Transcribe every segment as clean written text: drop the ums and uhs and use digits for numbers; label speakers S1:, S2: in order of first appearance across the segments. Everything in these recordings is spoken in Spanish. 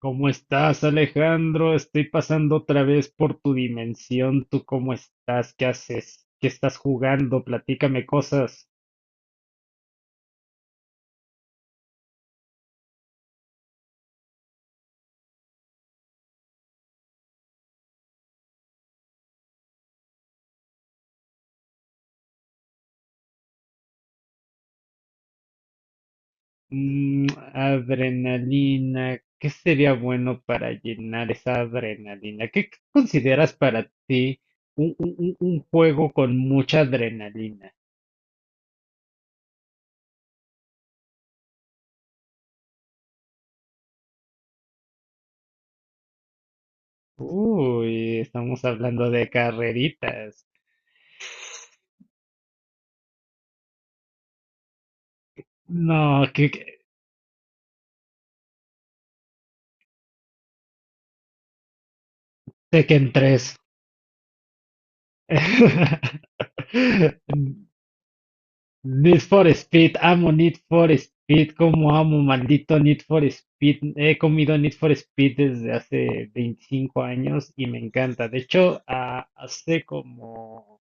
S1: ¿Cómo estás, Alejandro? Estoy pasando otra vez por tu dimensión. ¿Tú cómo estás? ¿Qué haces? ¿Qué estás jugando? Platícame cosas. Mm, adrenalina. ¿Qué sería bueno para llenar esa adrenalina? ¿Qué consideras para ti un juego con mucha adrenalina? Uy, estamos hablando de carreritas. No, que Tekken tres. Need for Speed, amo Need for Speed, como amo, maldito Need for Speed. He comido Need for Speed desde hace 25 años y me encanta. De hecho, hace como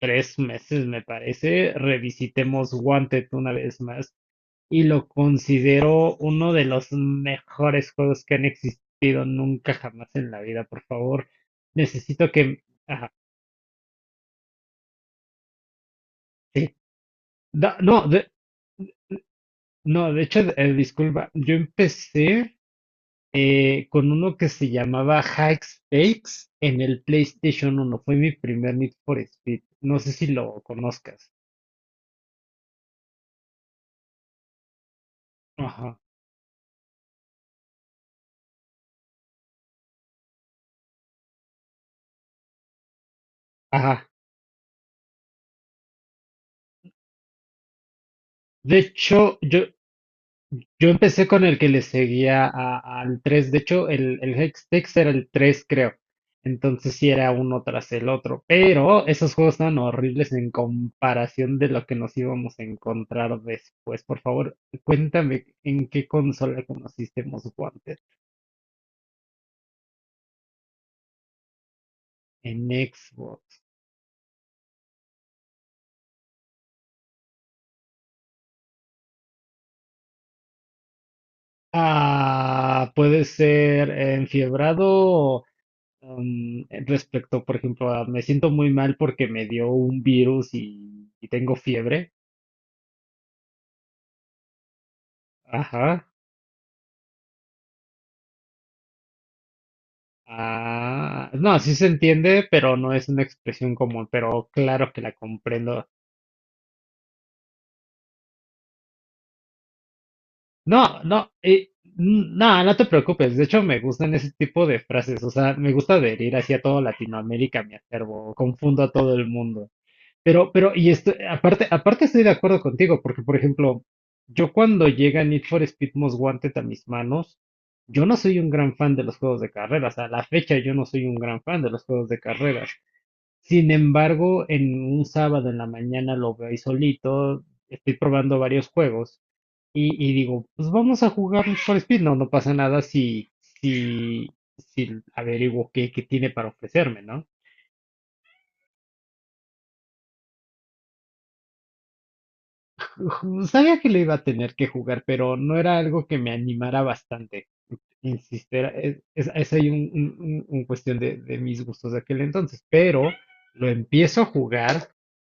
S1: 3 meses, me parece, revisitemos Wanted una vez más y lo considero uno de los mejores juegos que han existido nunca jamás en la vida. Por favor, necesito que... Ajá, sí. No, no, de hecho, disculpa, yo empecé... con uno que se llamaba High Stakes en el PlayStation uno. Fue mi primer Need for Speed. No sé si lo conozcas. Ajá. Ajá. De hecho, yo empecé con el que le seguía al 3. De hecho, el High era el 3, creo. Entonces sí era uno tras el otro. Pero esos juegos estaban horribles en comparación de lo que nos íbamos a encontrar después. Por favor, cuéntame en qué consola conociste Most Wanted. En Xbox. Ah, puede ser enfiebrado respecto, por ejemplo, a me siento muy mal porque me dio un virus y tengo fiebre. Ajá. Ah, no, sí se entiende, pero no es una expresión común, pero claro que la comprendo. No, no, no, no te preocupes. De hecho, me gustan ese tipo de frases. O sea, me gusta adherir hacia toda Latinoamérica, me acervo, confundo a todo el mundo. Pero, y esto, aparte estoy de acuerdo contigo, porque, por ejemplo, yo cuando llega Need for Speed Most Wanted a mis manos, yo no soy un gran fan de los juegos de carreras. A la fecha yo no soy un gran fan de los juegos de carreras. Sin embargo, en un sábado en la mañana lo veo ahí solito, estoy probando varios juegos y digo, pues vamos a jugar Need for Speed. No, no pasa nada si, si averiguo qué tiene para ofrecerme, ¿no? Sabía que le iba a tener que jugar, pero no era algo que me animara bastante. Insistiera, es ahí un cuestión de mis gustos de aquel entonces, pero lo empiezo a jugar,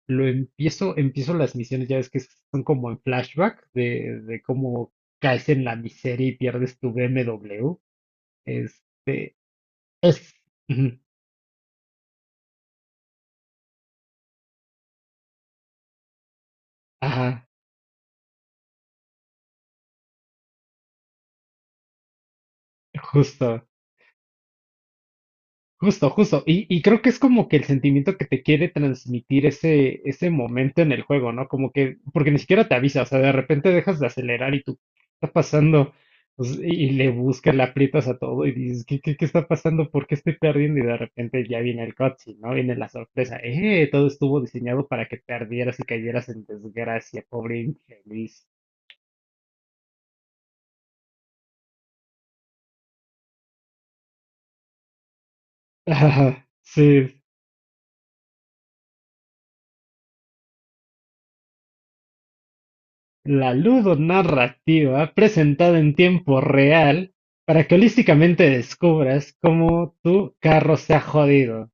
S1: empiezo las misiones, ya ves que son como en flashback de cómo caes en la miseria y pierdes tu BMW. Es, es, ujú, ajá, justo. Justo, justo. Y creo que es como que el sentimiento que te quiere transmitir ese momento en el juego, ¿no? Como que, porque ni siquiera te avisa, o sea, de repente dejas de acelerar y tú, ¿qué está pasando? Pues, y le buscas, le aprietas a todo y dices, ¿qué está pasando? ¿Por qué estoy perdiendo? Y de repente ya viene el cutscene, ¿no? Viene la sorpresa. ¡Eh! Todo estuvo diseñado para que perdieras y cayeras en desgracia, pobre infeliz. Ah, sí, la ludonarrativa presentada en tiempo real para que holísticamente descubras cómo tu carro se ha jodido.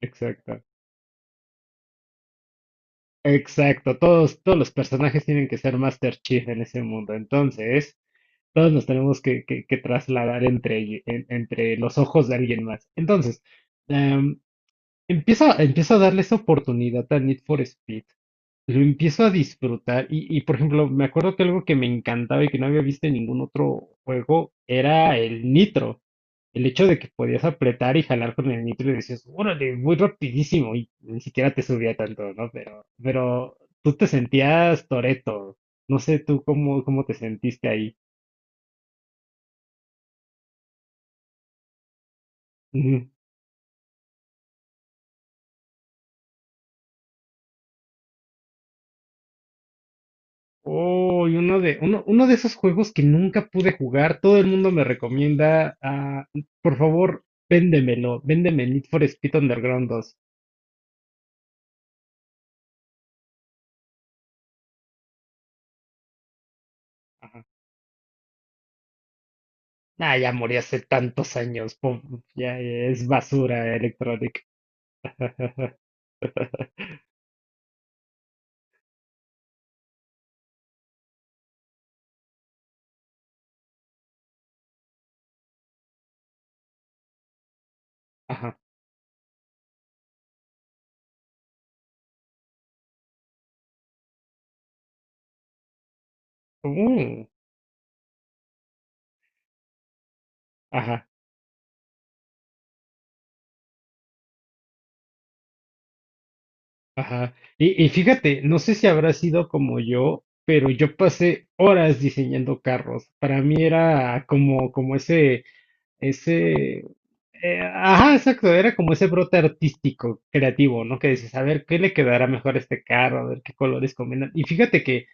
S1: Exacto. Exacto, todos los personajes tienen que ser Master Chief en ese mundo. Entonces, todos nos tenemos que, que trasladar entre los ojos de alguien más. Entonces, em, empiezo a darle esa oportunidad a Need for Speed. Lo empiezo a disfrutar y, por ejemplo, me acuerdo que algo que me encantaba y que no había visto en ningún otro juego era el nitro. El hecho de que podías apretar y jalar con el nitro y decías, órale, muy rapidísimo y ni siquiera te subía tanto, ¿no? Pero tú te sentías Toreto. No sé tú cómo, cómo te sentiste ahí. Ujú. Oh, y uno de esos juegos que nunca pude jugar, todo el mundo me recomienda, ah, por favor, véndemelo, véndeme Need for Speed Underground dos. Ajá. Nah, ya morí hace tantos años. Ya es basura electrónica. Ajá. Mm, ajá, ajá. Y fíjate, no sé si habrá sido como yo, pero yo pasé horas diseñando carros. Para mí era como ese, ajá, exacto, era como ese brote artístico, creativo, ¿no? Que dices, a ver, ¿qué le quedará mejor a este carro? A ver qué colores combinan. Y fíjate que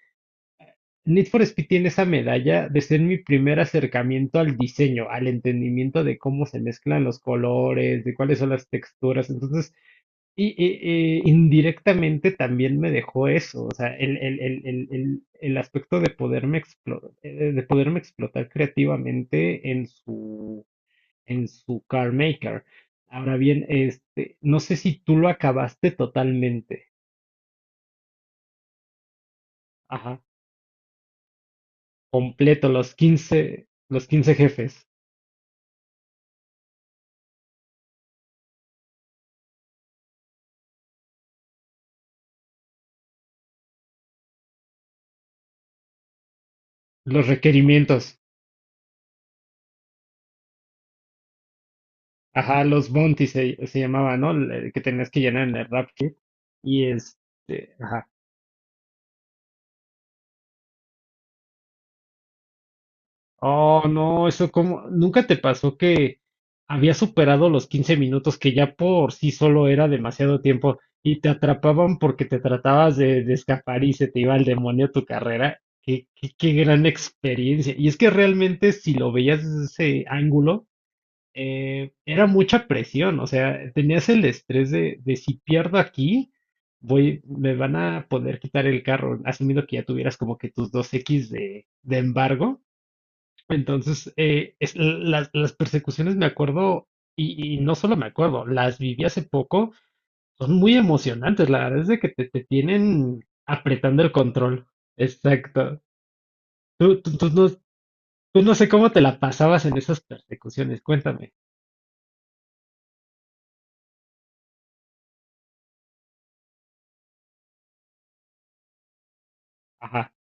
S1: Need for Speed tiene esa medalla de ser mi primer acercamiento al diseño, al entendimiento de cómo se mezclan los colores, de cuáles son las texturas. Entonces, y indirectamente también me dejó eso, o sea, el aspecto de poderme explotar creativamente en su car maker. Ahora bien, este, no sé si tú lo acabaste totalmente, ajá, completo, los quince jefes. Los requerimientos, ajá, los bounties se llamaba, ¿no? El que tenías que llenar en el rap kit. Y este, ajá. Oh, no, eso como, ¿nunca te pasó que había superado los 15 minutos, que ya por sí solo era demasiado tiempo, y te atrapaban porque te tratabas de escapar y se te iba el demonio a tu carrera? Qué, qué, qué gran experiencia. Y es que realmente si lo veías desde ese ángulo, era mucha presión, o sea, tenías el estrés de si pierdo aquí, voy, me van a poder quitar el carro, asumiendo que ya tuvieras como que tus dos x de embargo. Entonces, las persecuciones me acuerdo, y no solo me acuerdo, las viví hace poco, son muy emocionantes, la verdad es de que te tienen apretando el control. Exacto. Tú, tú, tú no, tú no sé cómo te la pasabas en esas persecuciones, cuéntame. Ajá.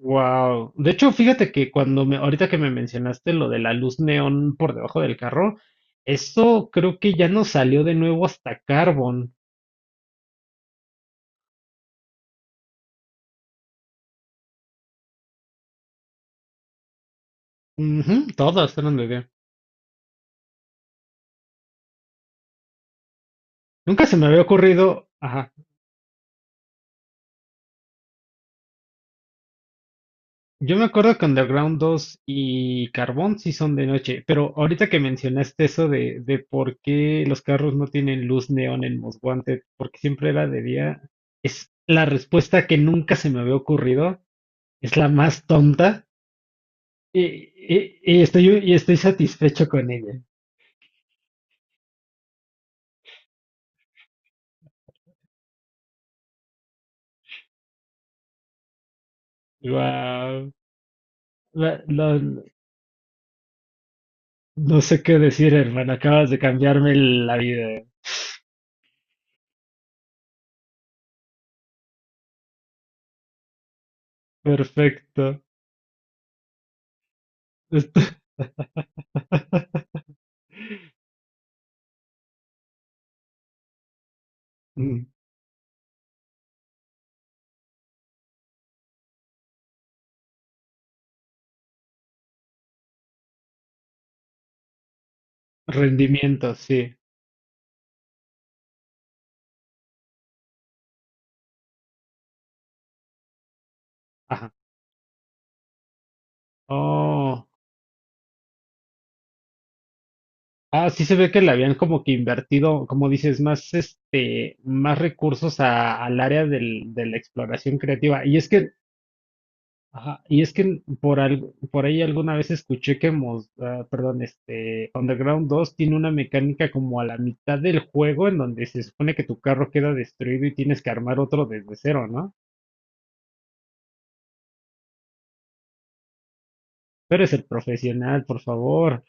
S1: Wow. De hecho, fíjate que cuando me, ahorita que me mencionaste lo de la luz neón por debajo del carro, eso creo que ya no salió de nuevo hasta Carbon. Ujú, todas eran de día. Nunca se me había ocurrido. Ajá. Yo me acuerdo que Underground 2 y Carbon sí son de noche, pero ahorita que mencionaste eso de por qué los carros no tienen luz neón en Most Wanted, porque siempre era de día, es la respuesta que nunca se me había ocurrido. Es la más tonta. Y, y estoy satisfecho con ella. Guau. La- la- no sé qué decir, hermano. Acabas de cambiarme la vida. Perfecto. Esto- Mm, Rendimiento sí. Ajá. Oh. Ah, sí se ve que le habían como que invertido, como dices, más este, más recursos al área de la exploración creativa. Y es que... Ajá, y es que por algo, por ahí alguna vez escuché que perdón, este Underground 2 tiene una mecánica como a la mitad del juego en donde se supone que tu carro queda destruido y tienes que armar otro desde cero, ¿no? Pero es el profesional, por favor.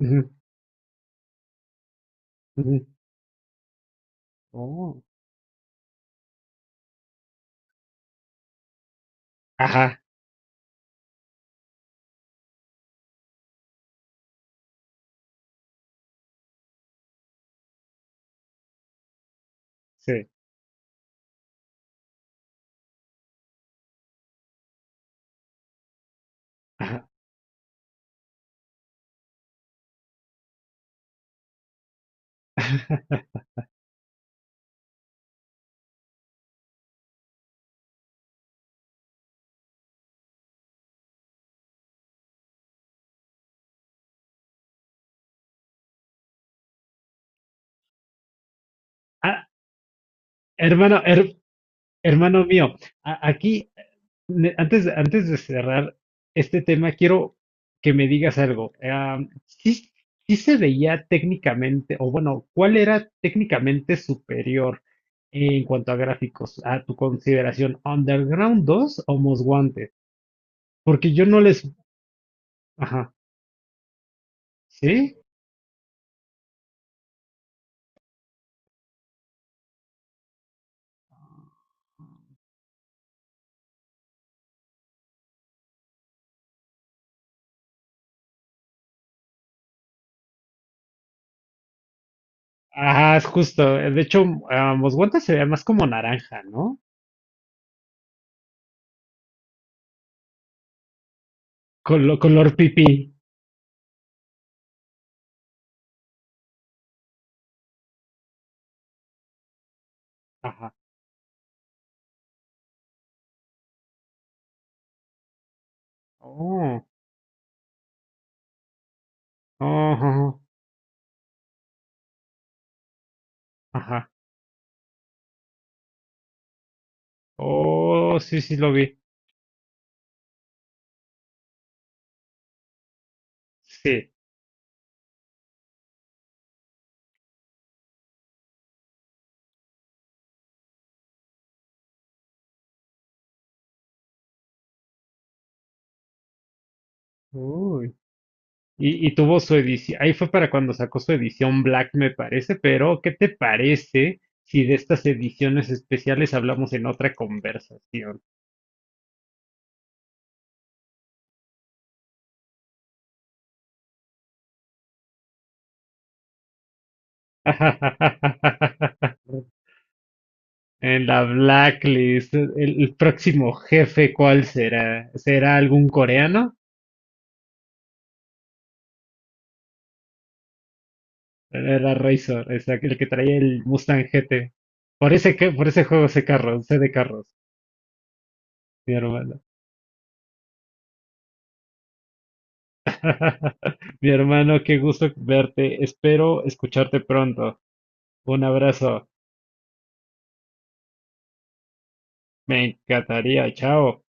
S1: Ujú, ujú. Oh, ajá, sí, ajá. Ah, hermano, hermano mío, aquí antes de cerrar este tema, quiero que me digas algo. ¿Sí se veía técnicamente, o bueno, cuál era técnicamente superior en cuanto a gráficos, a tu consideración, Underground 2 o Most Wanted? Porque yo no les... Ajá, ¿sí? Ajá, es justo. De hecho, Most Wanted se veía más como naranja, ¿no? Color pipí. Ajá. Oh, oh, ajá. Ajá. Oh, sí, sí lo vi. Sí. Uy. Y tuvo su edición, ahí fue para cuando sacó su edición Black, me parece, pero ¿qué te parece si de estas ediciones especiales hablamos en otra conversación? En la Blacklist, el próximo jefe, ¿cuál será? ¿Será algún coreano? Era Razor, el que traía el Mustang GT. Por ese, por ese juego sé carros, sé de carros, mi hermano. Mi hermano, qué gusto verte. Espero escucharte pronto. Un abrazo. Me encantaría. Chao.